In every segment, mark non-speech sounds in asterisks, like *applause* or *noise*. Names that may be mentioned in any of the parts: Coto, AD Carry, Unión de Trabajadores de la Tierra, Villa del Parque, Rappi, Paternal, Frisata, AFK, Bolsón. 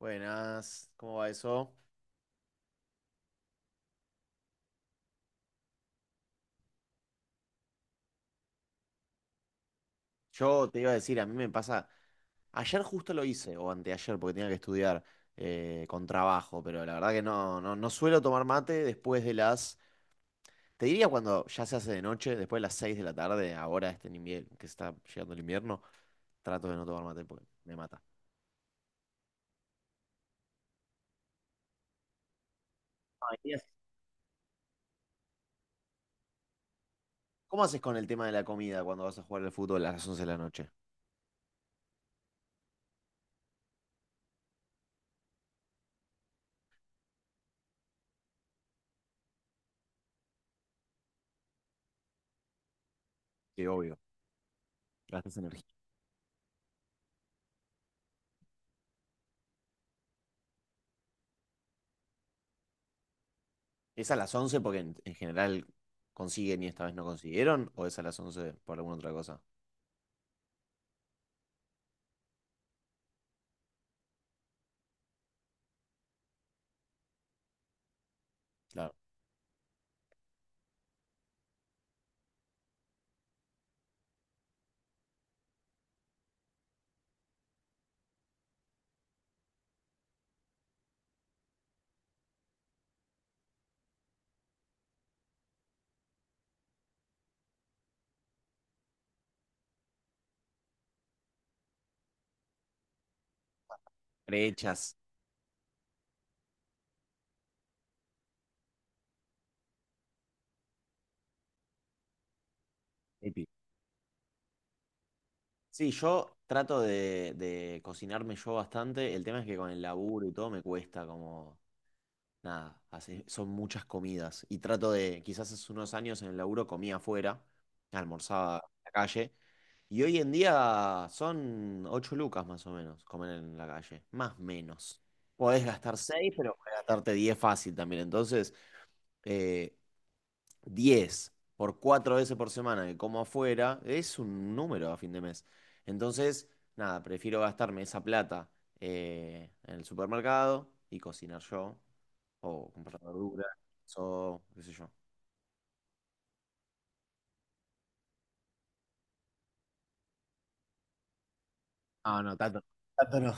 Buenas, ¿cómo va eso? Yo te iba a decir, a mí me pasa, ayer justo lo hice, o anteayer, porque tenía que estudiar con trabajo, pero la verdad que no suelo tomar mate después de las, te diría cuando ya se hace de noche, después de las 6 de la tarde, ahora este invierno, que está llegando el invierno, trato de no tomar mate porque me mata. Ay, Dios. ¿Cómo haces con el tema de la comida cuando vas a jugar al fútbol a las 11 de la noche? Que obvio, gastas energía. ¿Es a las 11 porque en general consiguen y esta vez no consiguieron? ¿O es a las 11 por alguna otra cosa? Claro. Prehechas. Epi. Sí, yo trato de cocinarme yo bastante. El tema es que con el laburo y todo me cuesta como. Nada, son muchas comidas. Y trato de, quizás hace unos años en el laburo comía afuera, almorzaba en la calle. Y hoy en día son 8 lucas más o menos comer en la calle, más menos. Podés gastar seis pero podés gastarte 10 fácil también. Entonces, eh, 10 por 4 veces por semana que como afuera es un número a fin de mes. Entonces, nada, prefiero gastarme esa plata en el supermercado y cocinar yo o comprar verduras o qué sé yo. Ah, no, tanto. Tanto no.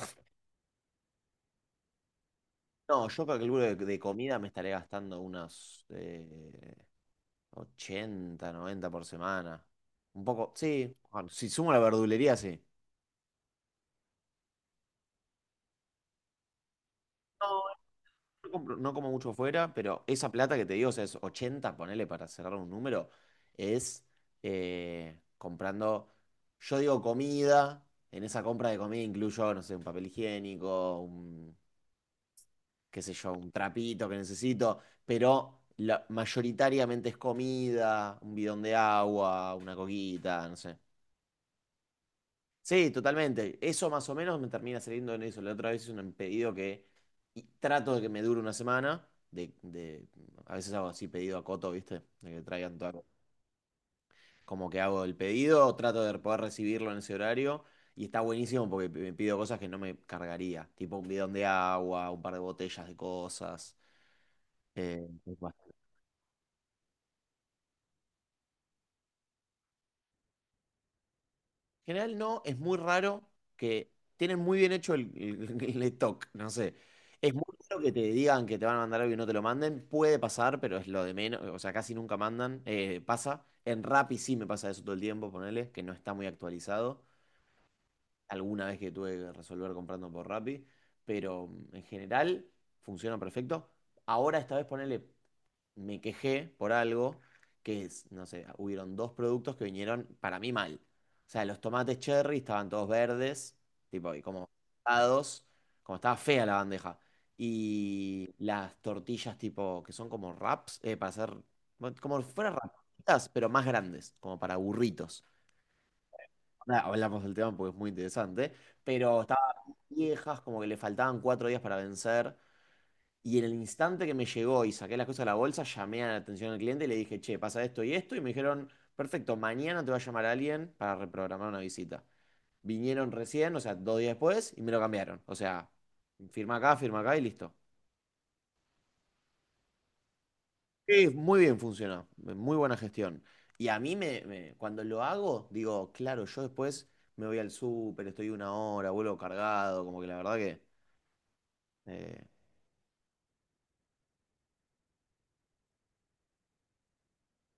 No, yo calculo que de comida me estaré gastando unos 80, 90 por semana. Un poco, sí. Bueno, si sumo la verdulería, sí. No, no, no como mucho fuera, pero esa plata que te digo, o sea, es 80 ponele para cerrar un número, es comprando, yo digo comida, en esa compra de comida incluyo, no sé, un papel higiénico, qué sé yo, un trapito que necesito, pero mayoritariamente es comida, un bidón de agua, una coquita, no sé. Sí, totalmente. Eso más o menos me termina saliendo en eso. La otra vez es un pedido que y trato de que me dure una semana. A veces hago así pedido a Coto, ¿viste? De que traigan todo. Como que hago el pedido, trato de poder recibirlo en ese horario. Y está buenísimo porque me pido cosas que no me cargaría. Tipo un bidón de agua, un par de botellas de cosas. Eh, En general no, es muy raro que tienen muy bien hecho el stock, no sé. Es muy raro que te digan que te van a mandar algo y no te lo manden. Puede pasar, pero es lo de menos. O sea, casi nunca mandan. Pasa. En Rappi sí me pasa eso todo el tiempo, ponele, que no está muy actualizado alguna vez que tuve que resolver comprando por Rappi, pero en general funciona perfecto. Ahora esta vez ponele, me quejé por algo que es, no sé, hubieron dos productos que vinieron para mí mal. O sea, los tomates cherry estaban todos verdes, tipo, y como dados, como estaba fea la bandeja. Y las tortillas tipo, que son como wraps, para hacer, bueno, como si fueran rapitas, pero más grandes, como para burritos. Ahora hablamos del tema porque es muy interesante, pero viejas, como que le faltaban 4 días para vencer. Y en el instante que me llegó y saqué las cosas de la bolsa, llamé a la atención al cliente y le dije, che, pasa esto y esto. Y me dijeron, perfecto, mañana te va a llamar alguien para reprogramar una visita. Vinieron recién, o sea, 2 días después, y me lo cambiaron. O sea, firma acá y listo. Sí, muy bien funcionó, muy buena gestión. Y a mí, cuando lo hago, digo, claro, yo después me voy al súper, estoy una hora, vuelvo cargado, como que la verdad que eh,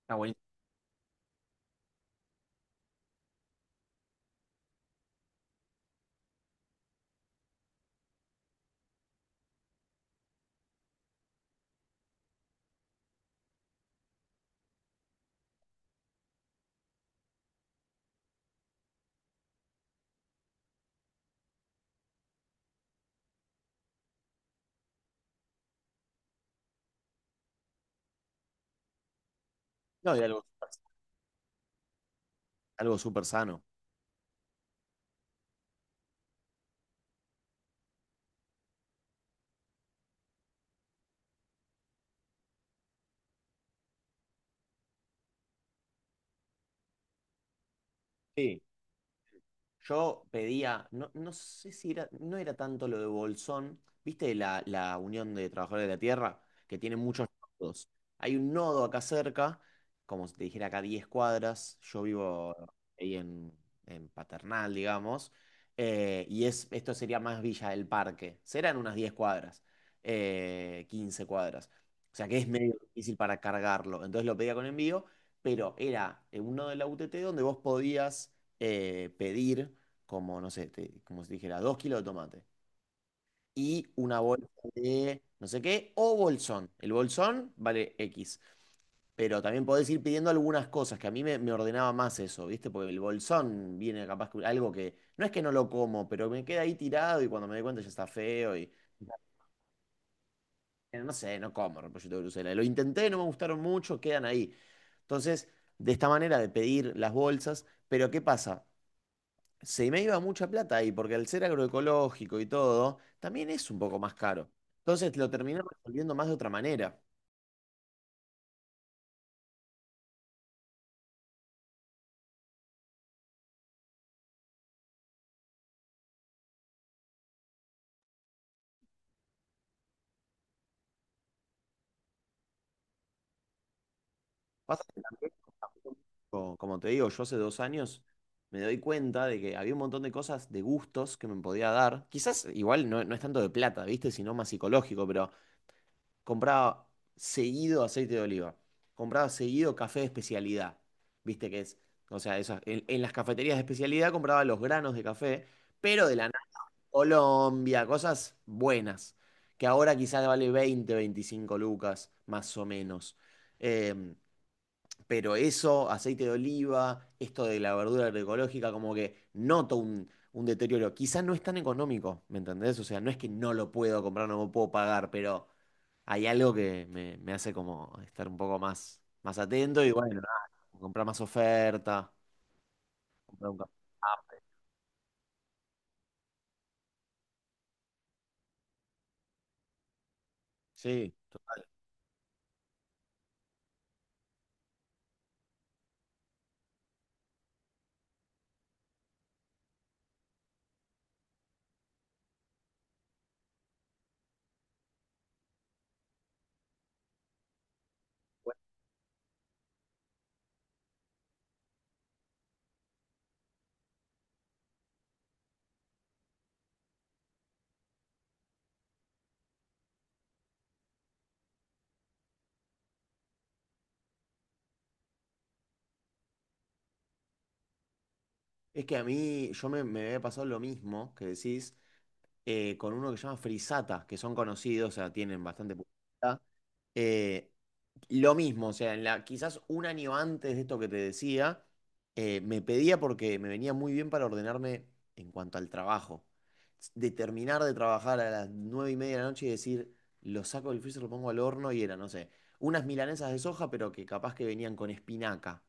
está buenísimo. No, y algo. Algo súper sano. Sí. Yo pedía, no, no sé si era, no era tanto lo de Bolsón, ¿viste la Unión de Trabajadores de la Tierra? Que tiene muchos nodos. Hay un nodo acá cerca, como si te dijera acá 10 cuadras, yo vivo ahí en Paternal, digamos, y es, esto sería más Villa del Parque, serán unas 10 cuadras, 15 cuadras, o sea que es medio difícil para cargarlo, entonces lo pedía con envío, pero era un nodo de la UTT donde vos podías pedir, como, no sé, como si dijera, 2 kilos de tomate y una bolsa de no sé qué, o bolsón. El bolsón vale X. Pero también podés ir pidiendo algunas cosas, que a mí me ordenaba más eso, ¿viste? Porque el bolsón viene capaz que algo que no es que no lo como, pero me queda ahí tirado y cuando me doy cuenta ya está feo y *laughs* no sé, no como repollito de Bruselas. Lo intenté, no me gustaron mucho, quedan ahí. Entonces, de esta manera de pedir las bolsas, pero ¿qué pasa? Se me iba mucha plata ahí, porque al ser agroecológico y todo, también es un poco más caro. Entonces lo terminé resolviendo más de otra manera. Pasa que también, como te digo, yo hace 2 años me doy cuenta de que había un montón de cosas, de gustos que me podía dar. Quizás igual no, no es tanto de plata, ¿viste? Sino más psicológico, pero compraba seguido aceite de oliva, compraba seguido café de especialidad, ¿viste? Que es, o sea, en las cafeterías de especialidad compraba los granos de café pero de la Colombia, cosas buenas, que ahora quizás vale 20, 25 lucas, más o menos. Em, pero eso, aceite de oliva, esto de la verdura agroecológica, como que noto un deterioro. Quizás no es tan económico, ¿me entendés? O sea, no es que no lo puedo comprar, no lo puedo pagar, pero hay algo que me hace como estar un poco más atento y bueno, nada, comprar más oferta, comprar un café. Sí, total. Es que a mí, yo me había pasado lo mismo que decís, con uno que se llama Frisata, que son conocidos, o sea, tienen bastante publicidad. Eh, lo mismo, o sea, quizás un año antes de esto que te decía, me pedía porque me venía muy bien para ordenarme en cuanto al trabajo. De terminar de trabajar a las 9:30 de la noche y decir, lo saco del freezer, lo pongo al horno y era, no sé, unas milanesas de soja, pero que capaz que venían con espinaca.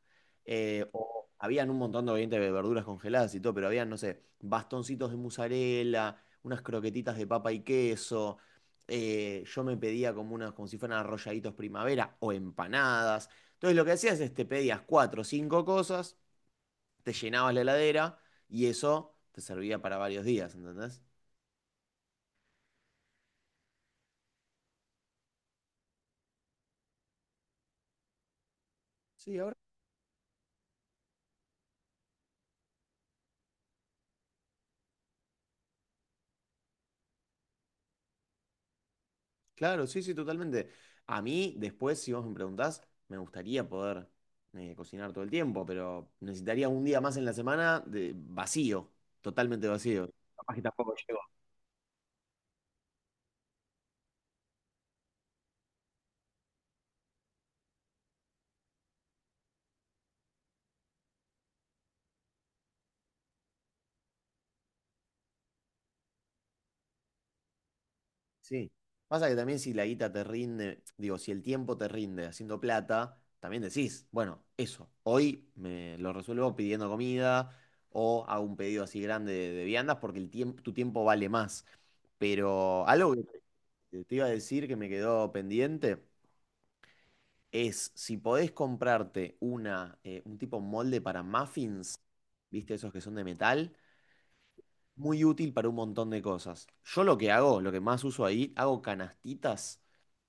O habían un montón de obviamente de verduras congeladas y todo, pero habían, no sé, bastoncitos de mozzarella, unas croquetitas de papa y queso yo me pedía como unas, como si fueran arrolladitos primavera o empanadas. Entonces lo que hacías es te pedías cuatro o cinco cosas, te llenabas la heladera y eso te servía para varios días, ¿entendés? Sí, ahora. Claro, sí, sí, totalmente. A mí, después, si vos me preguntás, me gustaría poder cocinar todo el tiempo, pero necesitaría un día más en la semana de vacío, totalmente vacío. Sí. Pasa que también si la guita te rinde, digo, si el tiempo te rinde haciendo plata, también decís, bueno, eso, hoy me lo resuelvo pidiendo comida o hago un pedido así grande de viandas porque el tiempo, tu tiempo vale más. Pero algo que te iba a decir que me quedó pendiente es si podés comprarte un tipo molde para muffins, ¿viste? Esos que son de metal muy útil para un montón de cosas. Yo lo que hago, lo que más uso ahí, hago canastitas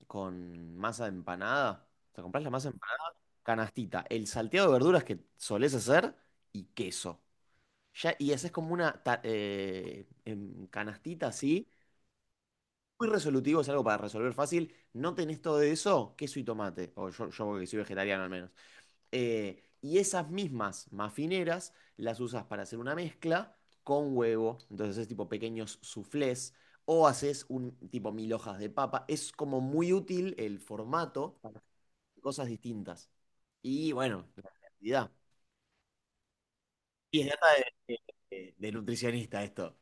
con masa de empanada. O sea, comprás la masa de empanada, canastita, el salteado de verduras que solés hacer y queso. Ya, y haces como una canastita así. Muy resolutivo, es algo para resolver fácil. No tenés todo eso, queso y tomate. O yo que soy vegetariano al menos. Y esas mismas mafineras las usas para hacer una mezcla con huevo. Entonces es tipo pequeños soufflés o haces un tipo mil hojas de papa. Es como muy útil el formato para hacer cosas distintas. Y bueno, la cantidad. Y es data de, de nutricionista esto.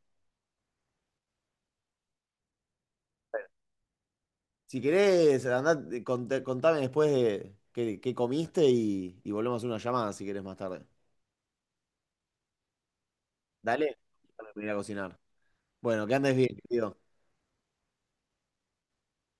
Si querés, andá, contame después de qué comiste y volvemos a hacer una llamada si querés más tarde. Dale, voy a ir a cocinar. Bueno, que andes bien, querido.